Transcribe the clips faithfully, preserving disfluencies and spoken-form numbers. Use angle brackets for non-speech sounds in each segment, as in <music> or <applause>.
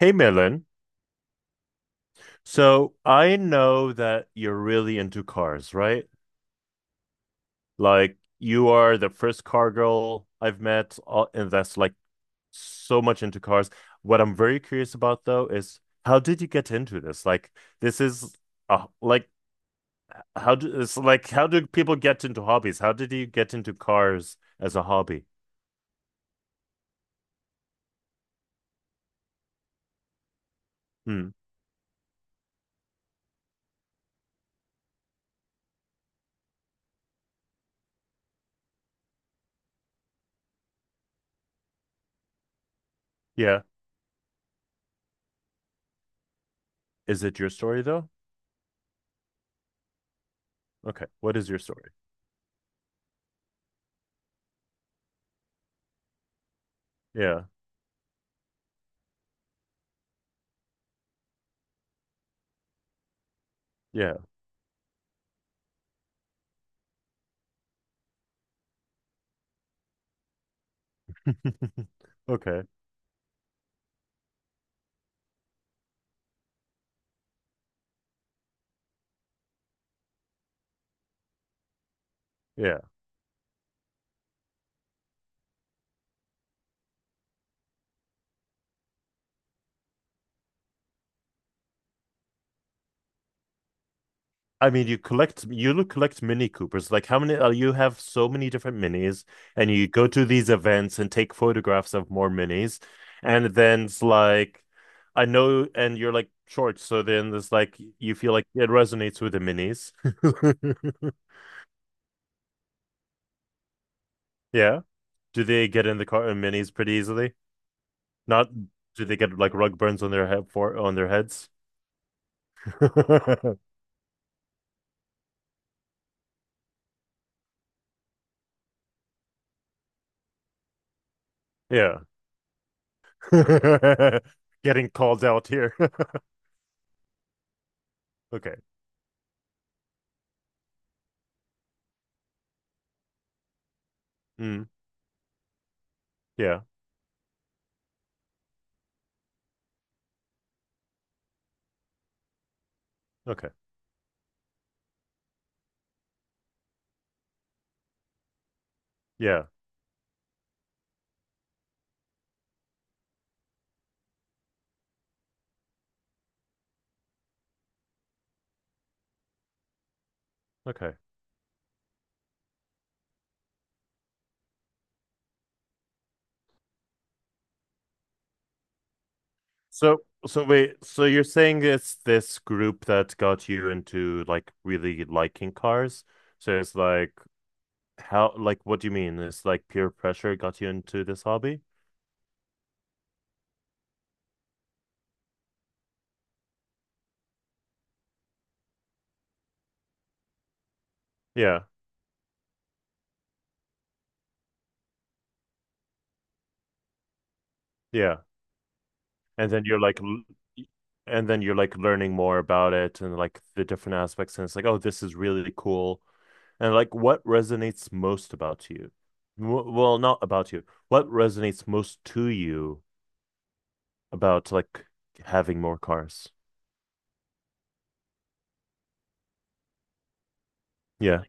Hey, Milan. So I know that you're really into cars, right? Like you are the first car girl I've met, uh, and that's like so much into cars. What I'm very curious about though is how did you get into this? Like this is uh, like how do it's like How do people get into hobbies? How did you get into cars as a hobby? Hmm. Yeah. Is it your story though? Okay. What is your story? Yeah. Yeah. <laughs> Okay. Yeah. I mean, you collect you look collect Mini Coopers. Like how many uh, you have so many different minis, and you go to these events and take photographs of more minis, and then it's like I know, and you're like short, so then there's like you feel like it resonates with the minis. <laughs> Yeah. Do they get in the car in minis pretty easily? Not Do they get like rug burns on their head for on their heads? <laughs> Yeah. <laughs> Getting called out here. <laughs> Okay. Mm. Yeah. Okay. Yeah. Okay. So, so wait, so you're saying it's this group that got you into like really liking cars? So it's like how, like, what do you mean? It's like peer pressure got you into this hobby? Yeah, yeah. And then you're like, l- and then you're like learning more about it and like the different aspects, and it's like, oh, this is really cool. And like, what resonates most about you? W well, not about you. What resonates most to you about like having more cars? Yeah.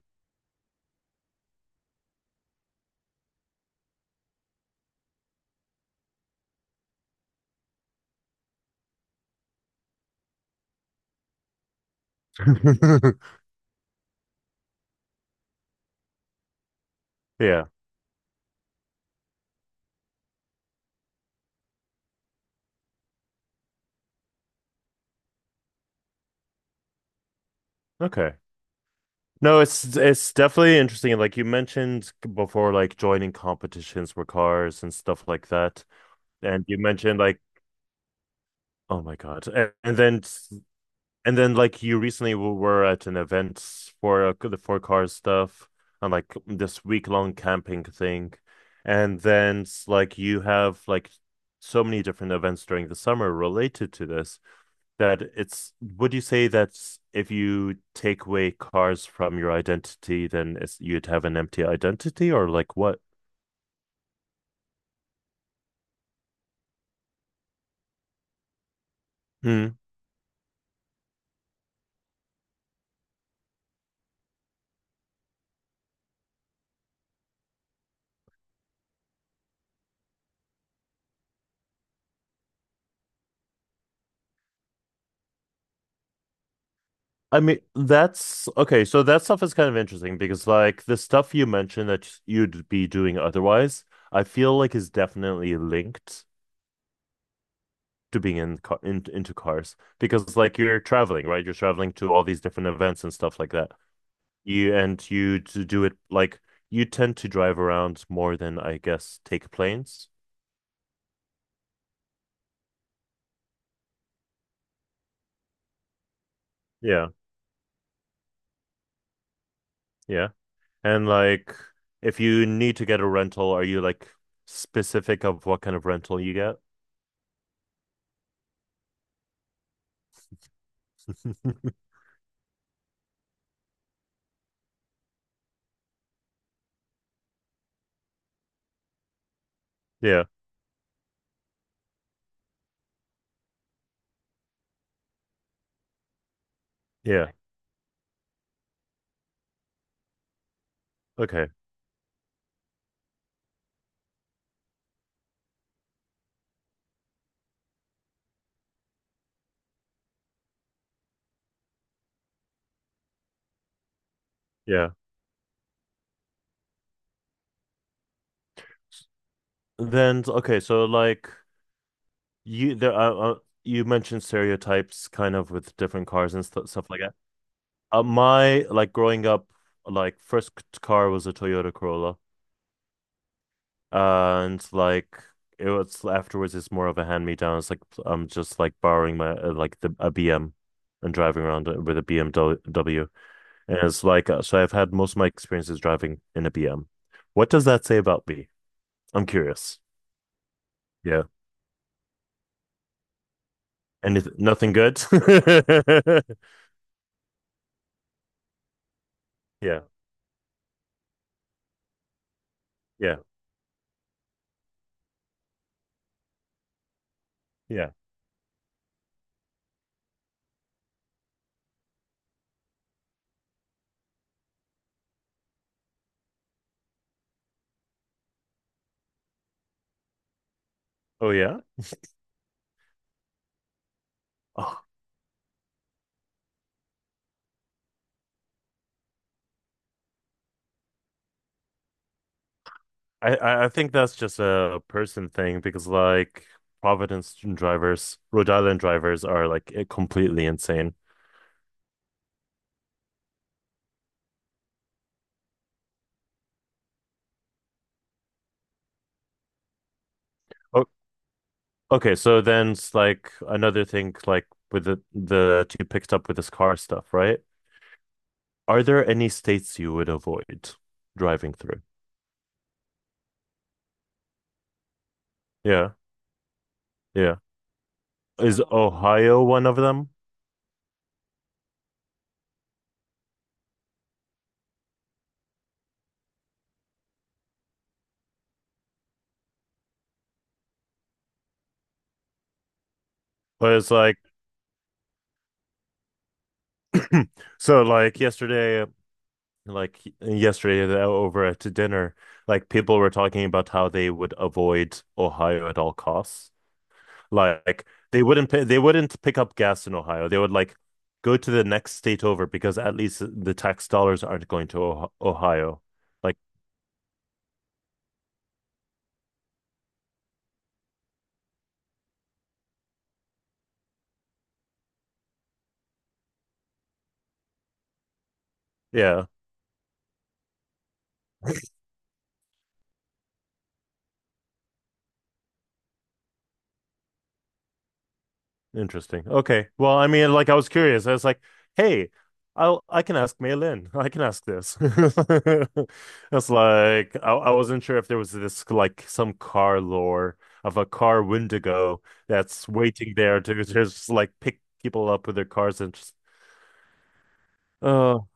<laughs> Yeah. Okay. No, it's it's definitely interesting. Like you mentioned before, like joining competitions for cars and stuff like that. And you mentioned like, oh my God. And, and then and then like you recently w- were at an event for uh, the for car stuff and like this week long camping thing. And then like you have like so many different events during the summer related to this. That it's Would you say that if you take away cars from your identity, then it's, you'd have an empty identity or like what? Hmm. I mean, that's okay. So that stuff is kind of interesting because like the stuff you mentioned that you'd be doing otherwise, I feel like is definitely linked to being in, car, in into cars because like you're traveling, right? You're traveling to all these different events and stuff like that. You and you to do it like You tend to drive around more than I guess take planes. Yeah, yeah. And like if you need to get a rental, are you like specific of what kind of rental you get? <laughs> Yeah, yeah. Okay. Yeah. Then okay, so like you there uh, uh, you mentioned stereotypes kind of with different cars and stu stuff like that. Uh, my like growing up like first c- car was a Toyota Corolla. Uh, and like it was afterwards, it's more of a hand-me-down. It's like I'm just like borrowing my uh, like the a B M and driving around with a B M W. And it's like uh, so I've had most of my experiences driving in a B M. What does that say about me? I'm curious. Yeah. Anything, nothing good? <laughs> Yeah. Yeah. Yeah. Oh yeah. Oh, I I I think that's just a person thing because like Providence drivers, Rhode Island drivers are like completely insane. Oh, okay, so then it's like another thing, like with the the that you picked up with this car stuff, right? Are there any states you would avoid driving through? Yeah, yeah. Is Ohio one of them? Or is like so like yesterday, like yesterday uh, over at dinner, like people were talking about how they would avoid Ohio at all costs. Like they wouldn't pay, they wouldn't pick up gas in Ohio. They would like go to the next state over because at least the tax dollars aren't going to oh Ohio. Like, yeah, interesting. Okay. Well, I mean, like I was curious. I was like, hey, I'll I can ask Mei Lin. <laughs> I can ask this. <laughs> That's like I, I wasn't sure if there was this like some car lore of a car Wendigo that's waiting there to just like pick people up with their cars and just oh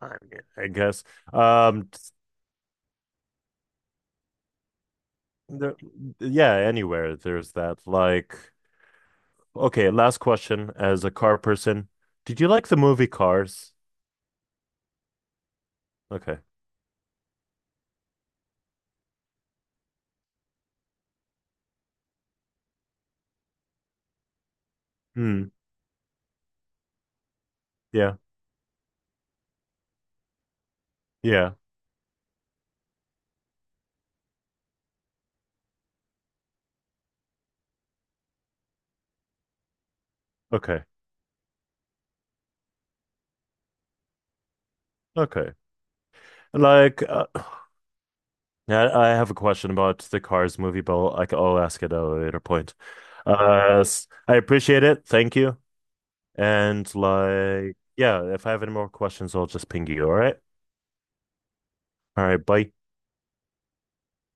I mean, I guess. Um, there, yeah, anywhere there's that. Like, okay, last question as a car person. Did you like the movie Cars? Okay. Hmm. Yeah. Yeah. Okay. Okay. Like, uh, <sighs> I I have a question about the Cars movie, but I'll, I c- I'll ask it at a later point. Uh, s- I appreciate it. Thank you. And like, yeah, if I have any more questions, I'll just ping you. All right. All right. Bye.